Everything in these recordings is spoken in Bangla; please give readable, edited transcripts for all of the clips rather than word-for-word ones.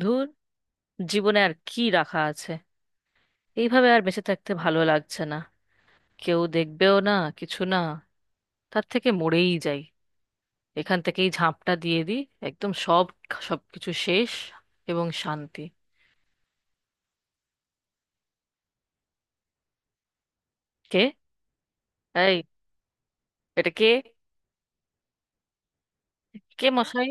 ধুর, জীবনে আর কি রাখা আছে? এইভাবে আর বেঁচে থাকতে ভালো লাগছে না। কেউ দেখবেও না, কিছু না। তার থেকে মরেই যাই। এখান থেকেই ঝাঁপটা দিয়ে দিই। একদম সব, সবকিছু শেষ এবং শান্তি। কে? এই, এটা কে? কে মশাই?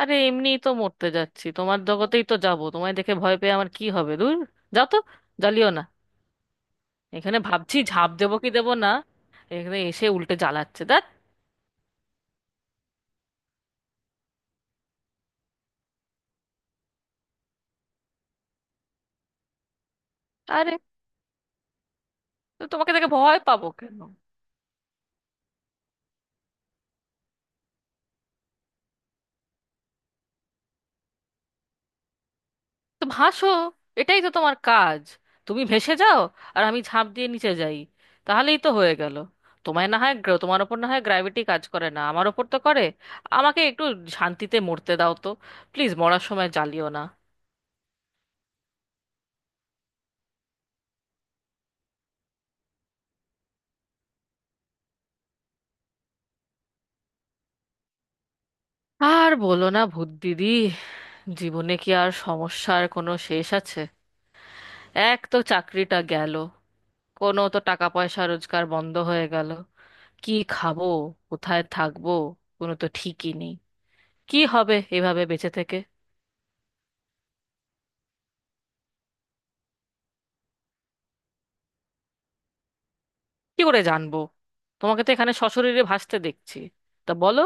আরে এমনিই তো মরতে যাচ্ছি, তোমার জগতেই তো যাব, তোমায় দেখে ভয় পেয়ে আমার কি হবে? দূর, যাও তো, জ্বালিও না। এখানে ভাবছি ঝাঁপ দেবো কি দেবো না, এখানে এসে উল্টে জ্বালাচ্ছে, দেখ। আরে, তো তোমাকে দেখে ভয় পাবো কেন? তো ভাসো, এটাই তো তোমার কাজ। তুমি ভেসে যাও, আর আমি ঝাঁপ দিয়ে নিচে যাই, তাহলেই তো হয়ে গেল। তোমায় না হয় তোমার ওপর না হয় গ্র্যাভিটি কাজ করে না, আমার ওপর তো করে। আমাকে একটু শান্তিতে মরতে দাও তো, প্লিজ মরার সময় জ্বালিও না। আর বলো না, ভূত দিদি, জীবনে কি আর সমস্যার কোনো শেষ আছে? এক তো চাকরিটা গেল, কোনো তো টাকা পয়সা রোজগার বন্ধ হয়ে গেল। কি খাবো, কোথায় থাকবো, কোনো তো ঠিকই নেই। কি হবে এভাবে বেঁচে থেকে? কি করে জানবো? তোমাকে তো এখানে সশরীরে ভাসতে দেখছি, তা বলো।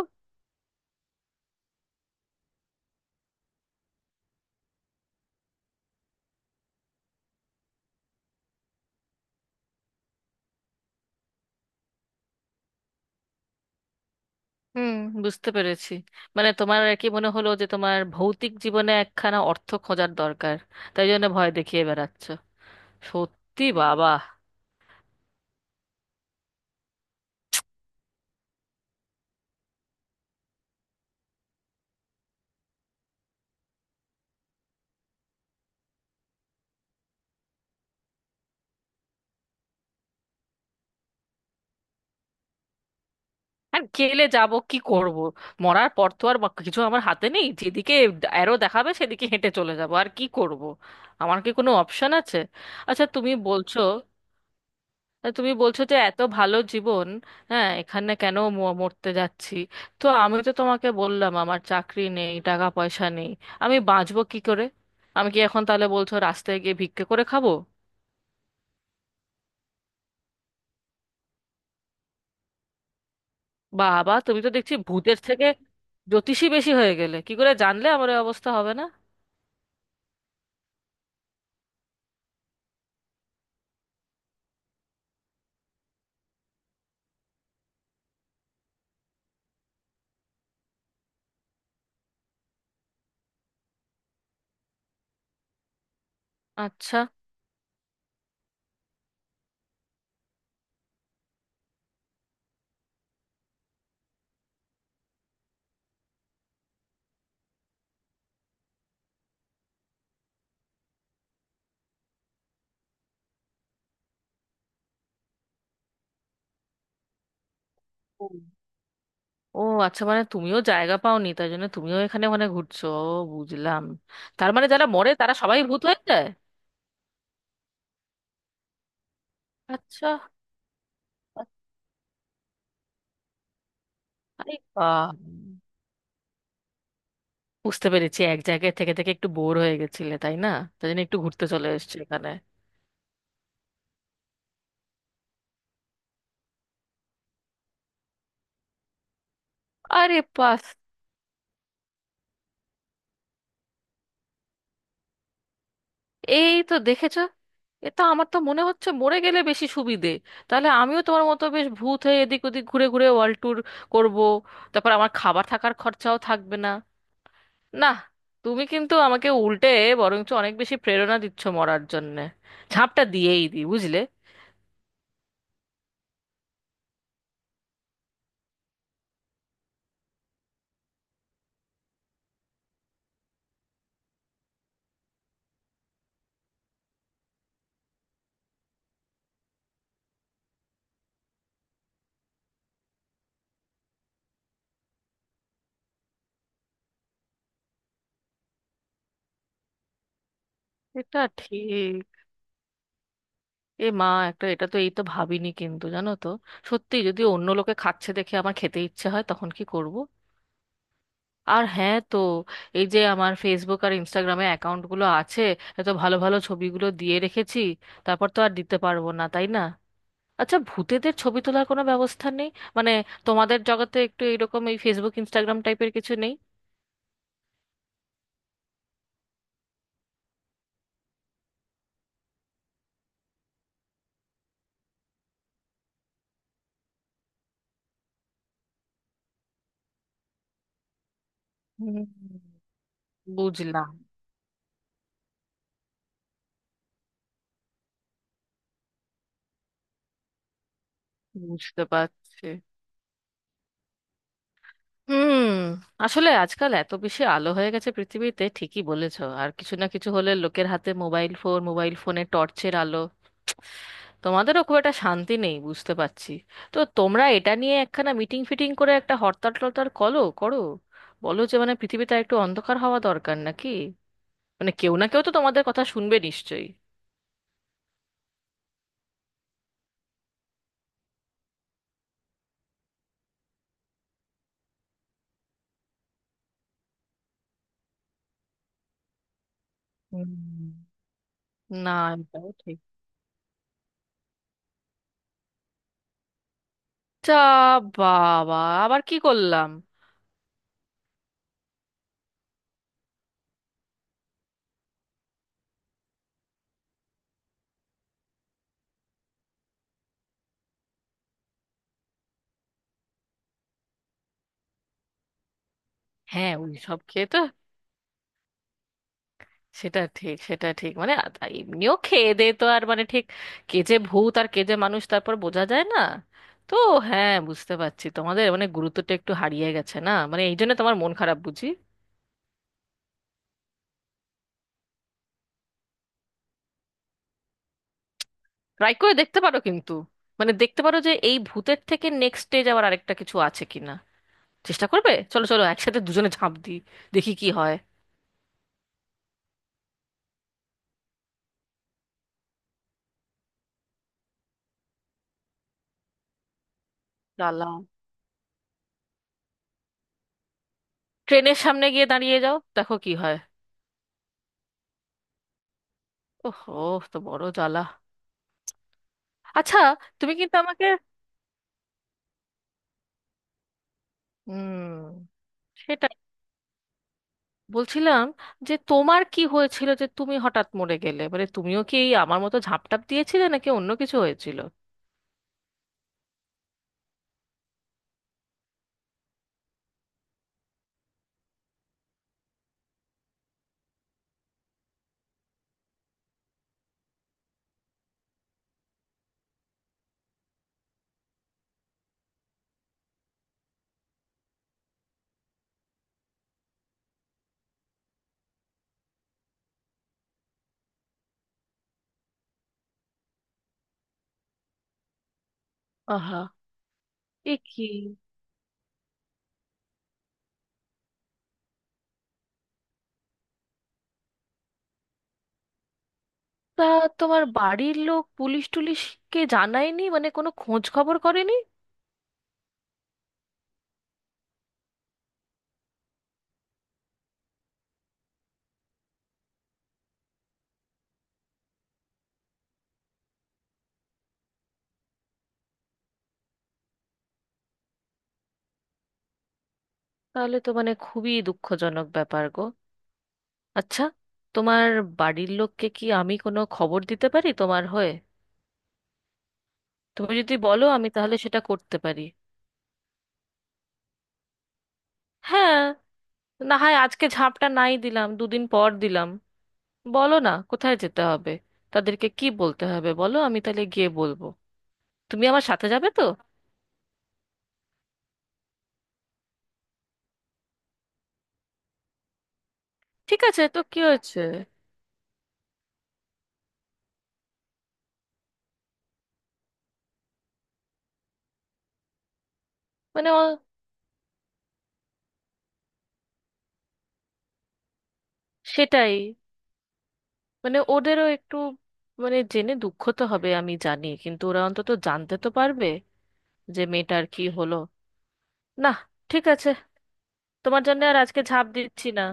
হুম, বুঝতে পেরেছি। মানে তোমার আর কি মনে হলো যে তোমার ভৌতিক জীবনে একখানা অর্থ খোঁজার দরকার, তাই জন্য ভয় দেখিয়ে বেড়াচ্ছ। সত্যি বাবা। আর গেলে যাব, কি করব? মরার পর তো আর কিছু আমার হাতে নেই, যেদিকে অ্যারো দেখাবে সেদিকে হেঁটে চলে যাব, আর কি করব? আমার কি কোনো অপশন আছে? আচ্ছা, তুমি বলছো, তা তুমি বলছো যে এত ভালো জীবন, হ্যাঁ, এখানে কেন মরতে যাচ্ছি? তো আমি তো তোমাকে বললাম আমার চাকরি নেই, টাকা পয়সা নেই, আমি বাঁচবো কি করে? আমি কি এখন, তাহলে বলছো রাস্তায় গিয়ে ভিক্ষে করে খাবো? বাবা, তুমি তো দেখছি ভূতের থেকে জ্যোতিষী বেশি হয়ে গেলে। কি করে জানলে আমার এই অবস্থা হবে না? আচ্ছা। ও। ও, আচ্ছা, মানে তুমিও জায়গা পাওনি, তাই জন্য তুমিও এখানে ওখানে ঘুরছো। ও, বুঝলাম। তার মানে যারা মরে তারা সবাই ভূত হয়ে যায়? আচ্ছা। আরে বাবা, বুঝতে পেরেছি, এক জায়গায় থেকে থেকে একটু বোর হয়ে গেছিলে, তাই না? তাই জন্য একটু ঘুরতে চলে এসেছো এখানে। আরে পাস। এই তো দেখেছো, এ তো, আমার তো মনে হচ্ছে মরে গেলে বেশি সুবিধে। তাহলে আমিও তোমার মতো বেশ ভূত হয়ে এদিক ওদিক ঘুরে ঘুরে ওয়ার্ল্ড ট্যুর করবো। তারপর আমার খাবার থাকার খরচাও থাকবে না। না, তুমি কিন্তু আমাকে উল্টে বরঞ্চ অনেক বেশি প্রেরণা দিচ্ছ মরার জন্যে। ঝাঁপটা দিয়েই দি, বুঝলে। এটা ঠিক। এ মা, একটা এটা তো, এই তো ভাবিনি, কিন্তু জানো তো সত্যি, যদি অন্য লোকে খাচ্ছে দেখে আমার খেতে ইচ্ছে হয় তখন কি করব? আর হ্যাঁ, তো এই যে আমার ফেসবুক আর ইনস্টাগ্রামে অ্যাকাউন্টগুলো আছে, এত ভালো ভালো ছবিগুলো দিয়ে রেখেছি, তারপর তো আর দিতে পারবো না, তাই না? আচ্ছা, ভূতেদের ছবি তোলার কোনো ব্যবস্থা নেই? মানে তোমাদের জগতে একটু এরকম এই ফেসবুক ইনস্টাগ্রাম টাইপের কিছু নেই? হুম, বুঝলাম। বুঝতে পারছি। হুম। আসলে আজকাল এত বেশি আলো হয়ে গেছে পৃথিবীতে, ঠিকই বলেছো, আর কিছু না কিছু হলে লোকের হাতে মোবাইল ফোন, মোবাইল ফোনে টর্চের আলো। তোমাদেরও খুব একটা শান্তি নেই, বুঝতে পারছি। তো তোমরা এটা নিয়ে একখানা মিটিং ফিটিং করে একটা হরতাল টরতাল করো করো। বলো যে মানে পৃথিবীটা একটু অন্ধকার হওয়া দরকার নাকি। মানে কেউ না কেউ তো তোমাদের কথা শুনবে নিশ্চয়ই। হুম। না, এটাও ঠিক। তা বাবা, আবার কি করলাম? হ্যাঁ, ওইসব খেয়ে তো সেটা ঠিক, সেটা ঠিক। মানে এমনিও খেয়ে দে তো, আর মানে ঠিক কে যে ভূত আর কে যে মানুষ তারপর বোঝা যায় না। তো হ্যাঁ, বুঝতে পারছি, তোমাদের মানে গুরুত্বটা একটু হারিয়ে গেছে, না? মানে এই জন্য তোমার মন খারাপ বুঝি। ট্রাই করে দেখতে পারো কিন্তু। মানে দেখতে পারো যে এই ভূতের থেকে নেক্সট স্টেজ আবার আরেকটা কিছু আছে কিনা। চেষ্টা করবে? চলো চলো, একসাথে দুজনে ঝাঁপ দিই, দেখি কি হয়। জ্বালা। ট্রেনের সামনে গিয়ে দাঁড়িয়ে যাও, দেখো কি হয়। ওহ, ও, তো বড় জ্বালা। আচ্ছা। তুমি কিন্তু আমাকে... হুম, বলছিলাম যে তোমার কি হয়েছিল, যে তুমি হঠাৎ মরে গেলে? মানে তুমিও কি এই আমার মতো ঝাঁপটাপ দিয়েছিলে, নাকি অন্য কিছু হয়েছিল? আহা। এ কি। তা তোমার বাড়ির লোক পুলিশ টুলিশকে জানায়নি? মানে কোনো খোঁজ খবর করেনি? তাহলে তো মানে খুবই দুঃখজনক ব্যাপার গো। আচ্ছা, তোমার বাড়ির লোককে কি আমি কোনো খবর দিতে পারি তোমার হয়ে? তুমি যদি বলো আমি তাহলে সেটা করতে পারি। হ্যাঁ, না হয় আজকে ঝাঁপটা নাই দিলাম, দুদিন পর দিলাম। বলো না কোথায় যেতে হবে, তাদেরকে কি বলতে হবে বলো, আমি তাহলে গিয়ে বলবো। তুমি আমার সাথে যাবে তো? ঠিক আছে, তো কি হয়েছে। মানে সেটাই। মানে ওদেরও একটু মানে জেনে দুঃখ তো হবে, আমি জানি, কিন্তু ওরা অন্তত জানতে তো পারবে যে মেয়েটার কি হলো, না? ঠিক আছে। তোমার জন্য আর আজকে ঝাঁপ দিচ্ছি না।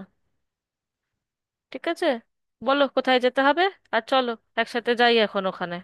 ঠিক আছে, বলো কোথায় যেতে হবে, আর চলো একসাথে যাই এখন ওখানে।